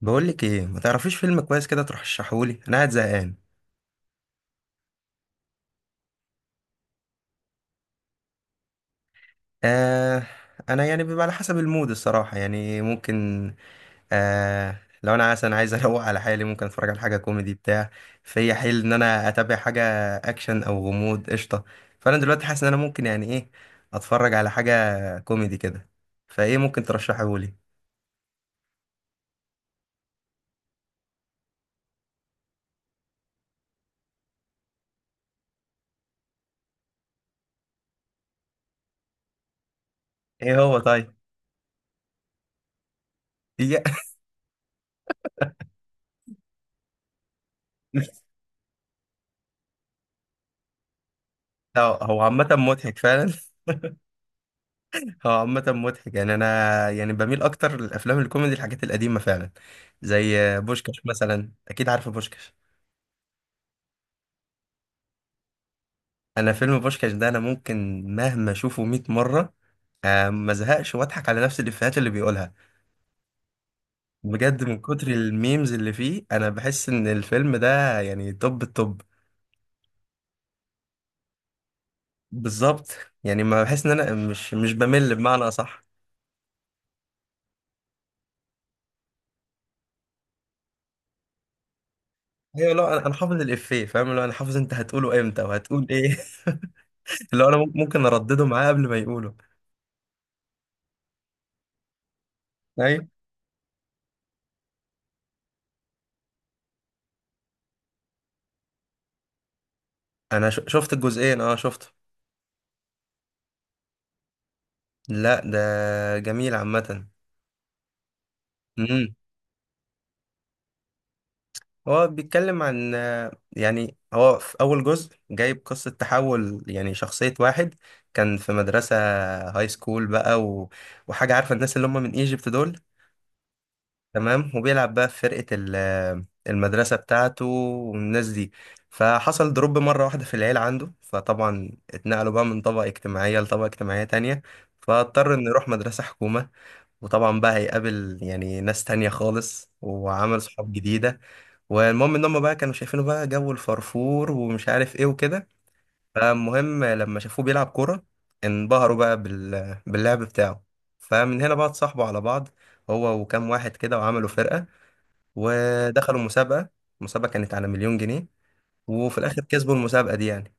بقولك ايه، ما تعرفيش فيلم كويس كده ترشحهولي؟ انا قاعد زهقان. آه. انا يعني بيبقى على حسب المود الصراحه، يعني ممكن. آه، لو انا مثلا عايز اروق على حالي ممكن اتفرج على حاجه كوميدي بتاع. فيا حيل ان انا اتابع حاجه اكشن او غموض قشطه. فانا دلوقتي حاسس ان انا ممكن يعني ايه اتفرج على حاجه كوميدي كده. فايه ممكن ترشحهولي؟ ايه، هو طيب؟ إيه- هو عامه مضحك فعلا. هو عامة مضحك. يعني أنا يعني بميل أكتر للأفلام الكوميدي، الحاجات القديمة فعلا، زي بوشكاش مثلا. أكيد عارفة بوشكاش. أنا فيلم بوشكاش ده أنا ممكن مهما أشوفه 100 مرة ما زهقش، وأضحك على نفس الإفيهات اللي بيقولها. بجد من كتر الميمز اللي فيه أنا بحس إن الفيلم ده يعني توب التوب. بالظبط. يعني ما بحس إن أنا مش بمل، بمعنى أصح. أيوة، لا أنا حافظ الإفيه، فاهم؟ لو أنا حافظ أنت هتقوله إمتى وهتقول إيه. اللي هو أنا ممكن أردده معاه قبل ما يقوله. ايوه، انا شفت الجزئين. اه شفته. لا، ده جميل عامة. امم هو بيتكلم عن، يعني هو في اول جزء جايب قصة تحول، يعني شخصية واحد كان في مدرسة هاي سكول بقى و... وحاجة. عارفة الناس اللي هم من ايجيبت دول؟ تمام. وبيلعب بقى في فرقة المدرسة بتاعته والناس دي. فحصل دروب مرة واحدة في العيلة عنده، فطبعا اتنقلوا بقى من طبقة اجتماعية لطبقة اجتماعية تانية. فاضطر انه يروح مدرسة حكومة. وطبعا بقى هيقابل يعني ناس تانية خالص وعمل صحاب جديدة. والمهم ان هم بقى كانوا شايفينه بقى جو الفرفور ومش عارف ايه وكده. فالمهم لما شافوه بيلعب كورة انبهروا بقى باللعب بتاعه. فمن هنا بقى اتصاحبوا على بعض، هو وكام واحد كده، وعملوا فرقة ودخلوا مسابقة. المسابقة كانت على مليون جنيه. وفي الاخر كسبوا المسابقة دي يعني.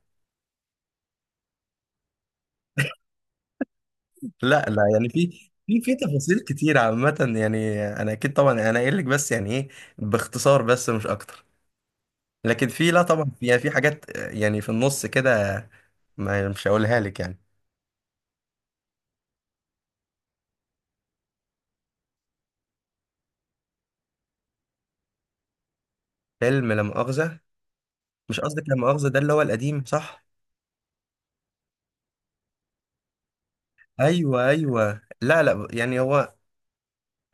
لا لا، يعني في تفاصيل كتير عامة، يعني انا اكيد طبعا انا قايل لك بس يعني ايه، باختصار بس مش اكتر. لكن في، لا طبعا في يعني في حاجات يعني في النص كده، ما مش هقولها لك يعني. فيلم لا مؤاخذة؟ مش قصدك لا مؤاخذة ده اللي هو القديم صح؟ ايوه ايوه، لا لا، يعني هو،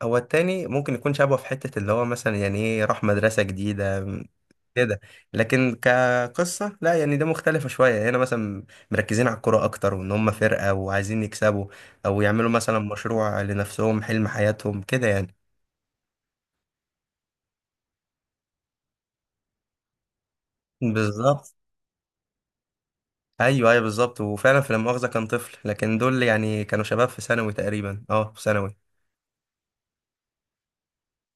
هو التاني ممكن يكون شبهه في حتة اللي هو مثلا يعني ايه، راح مدرسة جديدة كده. لكن كقصة لا، يعني ده مختلفة شوية. هنا مثلا مركزين على الكورة أكتر، وإن هم فرقة وعايزين يكسبوا، أو يعملوا مثلا مشروع لنفسهم، حلم حياتهم كده يعني. بالظبط. ايوه ايوه بالظبط. وفعلا في لا مؤاخذة كان طفل، لكن دول يعني كانوا شباب في ثانوي تقريبا، اه في ثانوي.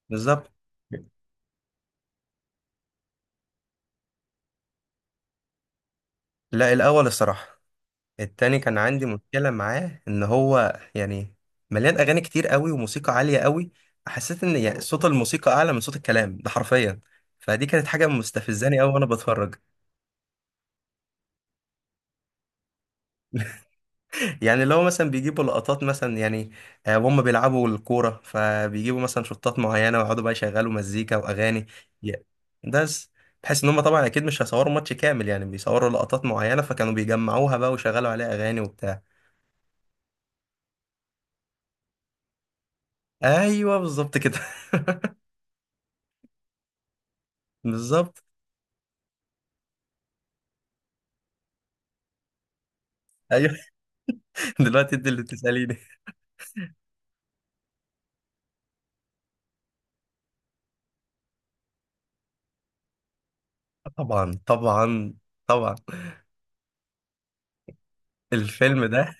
بالظبط. لا، الاول الصراحة. التاني كان عندي مشكلة معاه، ان هو يعني مليان اغاني كتير قوي وموسيقى عالية قوي. حسيت ان يعني صوت الموسيقى اعلى من صوت الكلام، ده حرفيا. فدي كانت حاجة مستفزاني قوي وانا بتفرج. يعني اللي هو مثلا بيجيبوا لقطات مثلا يعني وهم بيلعبوا الكورة، فبيجيبوا مثلا شطات معينة ويقعدوا بقى يشغلوا مزيكا وأغاني. ي- بس بحيث إن هم طبعا أكيد مش هيصوروا ماتش كامل، يعني بيصوروا لقطات معينة، فكانوا بيجمعوها بقى ويشغلوا عليها أغاني وبتاع. أيوه، بالظبط كده. بالظبط، أيوه. دلوقتي أنت اللي بتسأليني. طبعا طبعا طبعا. الفيلم ده،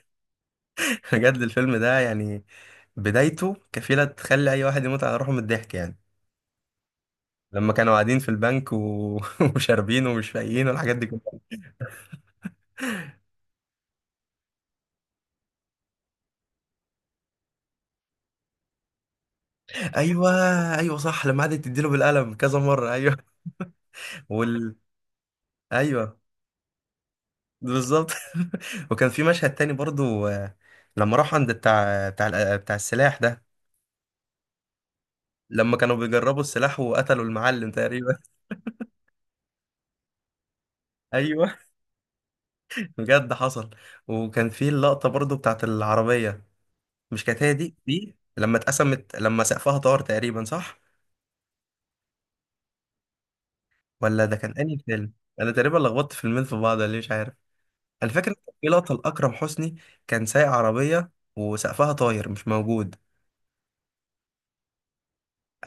بجد الفيلم ده يعني بدايته كفيلة تخلي أي واحد يموت على روحه من الضحك يعني. لما كانوا قاعدين في البنك و... وشاربين ومش فايقين والحاجات دي كلها. ايوه، ايوه صح. لما قعدت تديله بالقلم كذا مره. ايوه. وال ايوه. بالظبط. وكان في مشهد تاني برضو، لما راحوا عند بتاع السلاح ده. لما كانوا بيجربوا السلاح وقتلوا المعلم تقريبا. ايوه بجد حصل. وكان في اللقطه برضو بتاعت العربيه. مش كانت هي دي لما اتقسمت، لما سقفها طار تقريبا، صح؟ ولا ده كان انهي فيلم؟ انا تقريبا لخبطت فيلمين في بعض، ليه مش عارف. انا فاكر كان في لقطه لاكرم حسني، كان سايق عربيه وسقفها طاير مش موجود.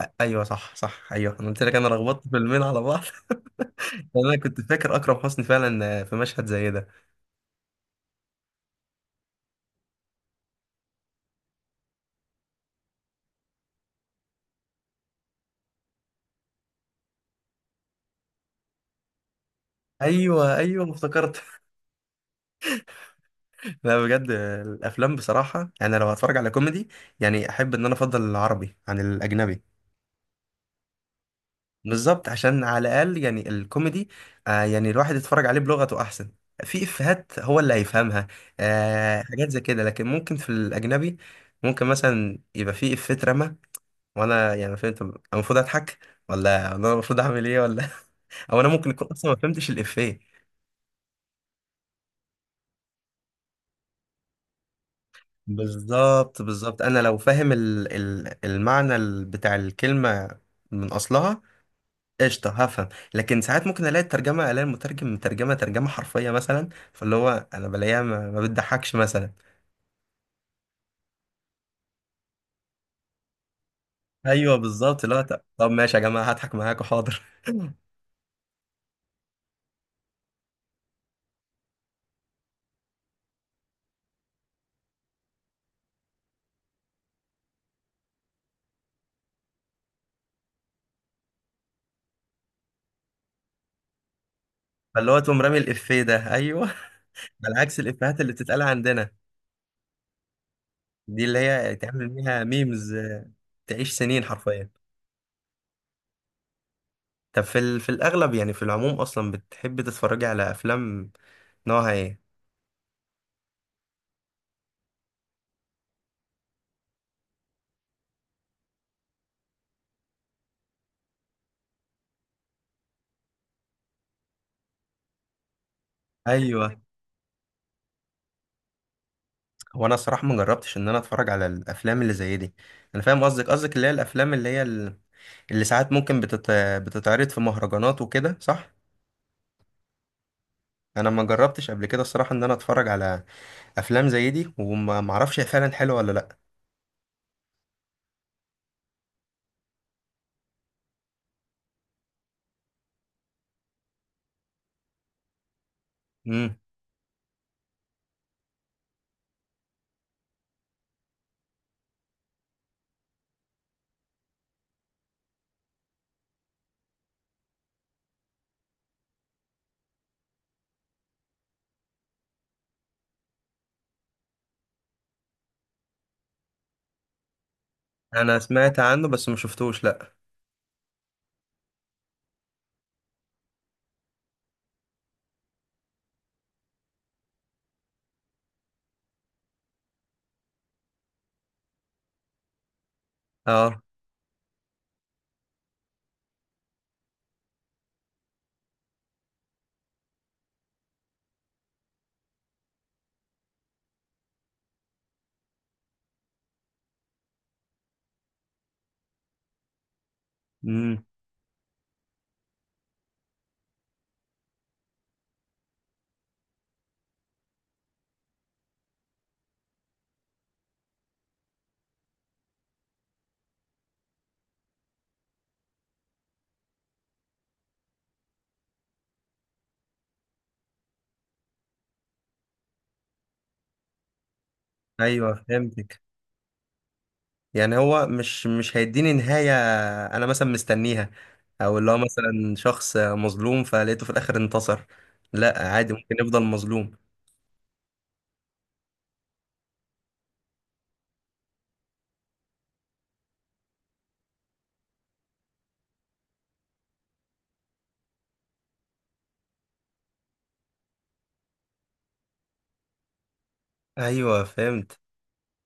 ايوه صح صح ايوه، انا قلت لك انا لخبطت فيلمين على بعض. لأن انا كنت فاكر اكرم حسني فعلا في مشهد زي ده. ايوه ايوه افتكرت. لا بجد الافلام بصراحه، انا لو هتفرج على كوميدي يعني احب ان انا افضل العربي عن الاجنبي. بالظبط، عشان على الاقل يعني الكوميدي، آه يعني الواحد يتفرج عليه بلغته احسن. في افيهات هو اللي هيفهمها، آه حاجات زي كده. لكن ممكن في الاجنبي ممكن مثلا يبقى في افيه اترمى، وانا يعني فهمت، أنا المفروض اضحك ولا انا المفروض اعمل ايه ولا او انا ممكن اكون اصلا ما فهمتش الافيه. بالظبط بالظبط. انا لو فاهم المعنى بتاع الكلمه من اصلها قشطة هفهم. لكن ساعات ممكن الاقي الترجمة، الاقي المترجم مترجمة ترجمة حرفية مثلا، فاللي هو انا بلاقيها ما بتضحكش مثلا. ايوه، بالظبط، اللي هو طب ماشي يا جماعة هضحك معاكوا حاضر. فاللي هو تقوم رامي الافيه ده، ايوه. على عكس الافيهات اللي بتتقال عندنا، دي اللي هي تعمل بيها ميمز، تعيش سنين حرفيا. طب في الاغلب يعني في العموم اصلا بتحب تتفرجي على افلام نوعها ايه؟ ايوه. هو انا الصراحه ما جربتش ان انا اتفرج على الافلام اللي زي دي. انا فاهم قصدك، قصدك اللي هي الافلام اللي هي اللي ساعات ممكن بتتعرض في مهرجانات وكده، صح. انا ما جربتش قبل كده الصراحه ان انا اتفرج على افلام زي دي، وما ما اعرفش هي فعلا حلوه ولا لا. امم. انا سمعت عنه بس ما شفتوش، لا. اه. امم. ايوه فهمتك. يعني هو مش هيديني نهايه انا مثلا مستنيها، او اللي هو مثلا شخص مظلوم فلقيته في الاخر انتصر. لا، عادي ممكن يفضل مظلوم. ايوه فهمت.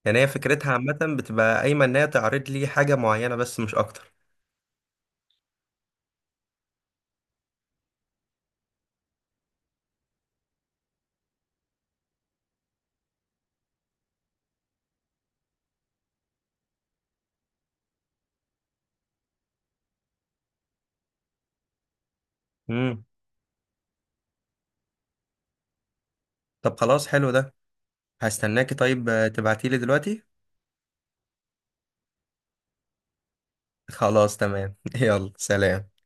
يعني هي فكرتها عامة بتبقى قايمة ان هي تعرض لي حاجة معينة بس مش اكتر. امم. طب خلاص، حلو ده. هستناكي طيب، تبعتيلي دلوقتي. خلاص تمام يلا سلام.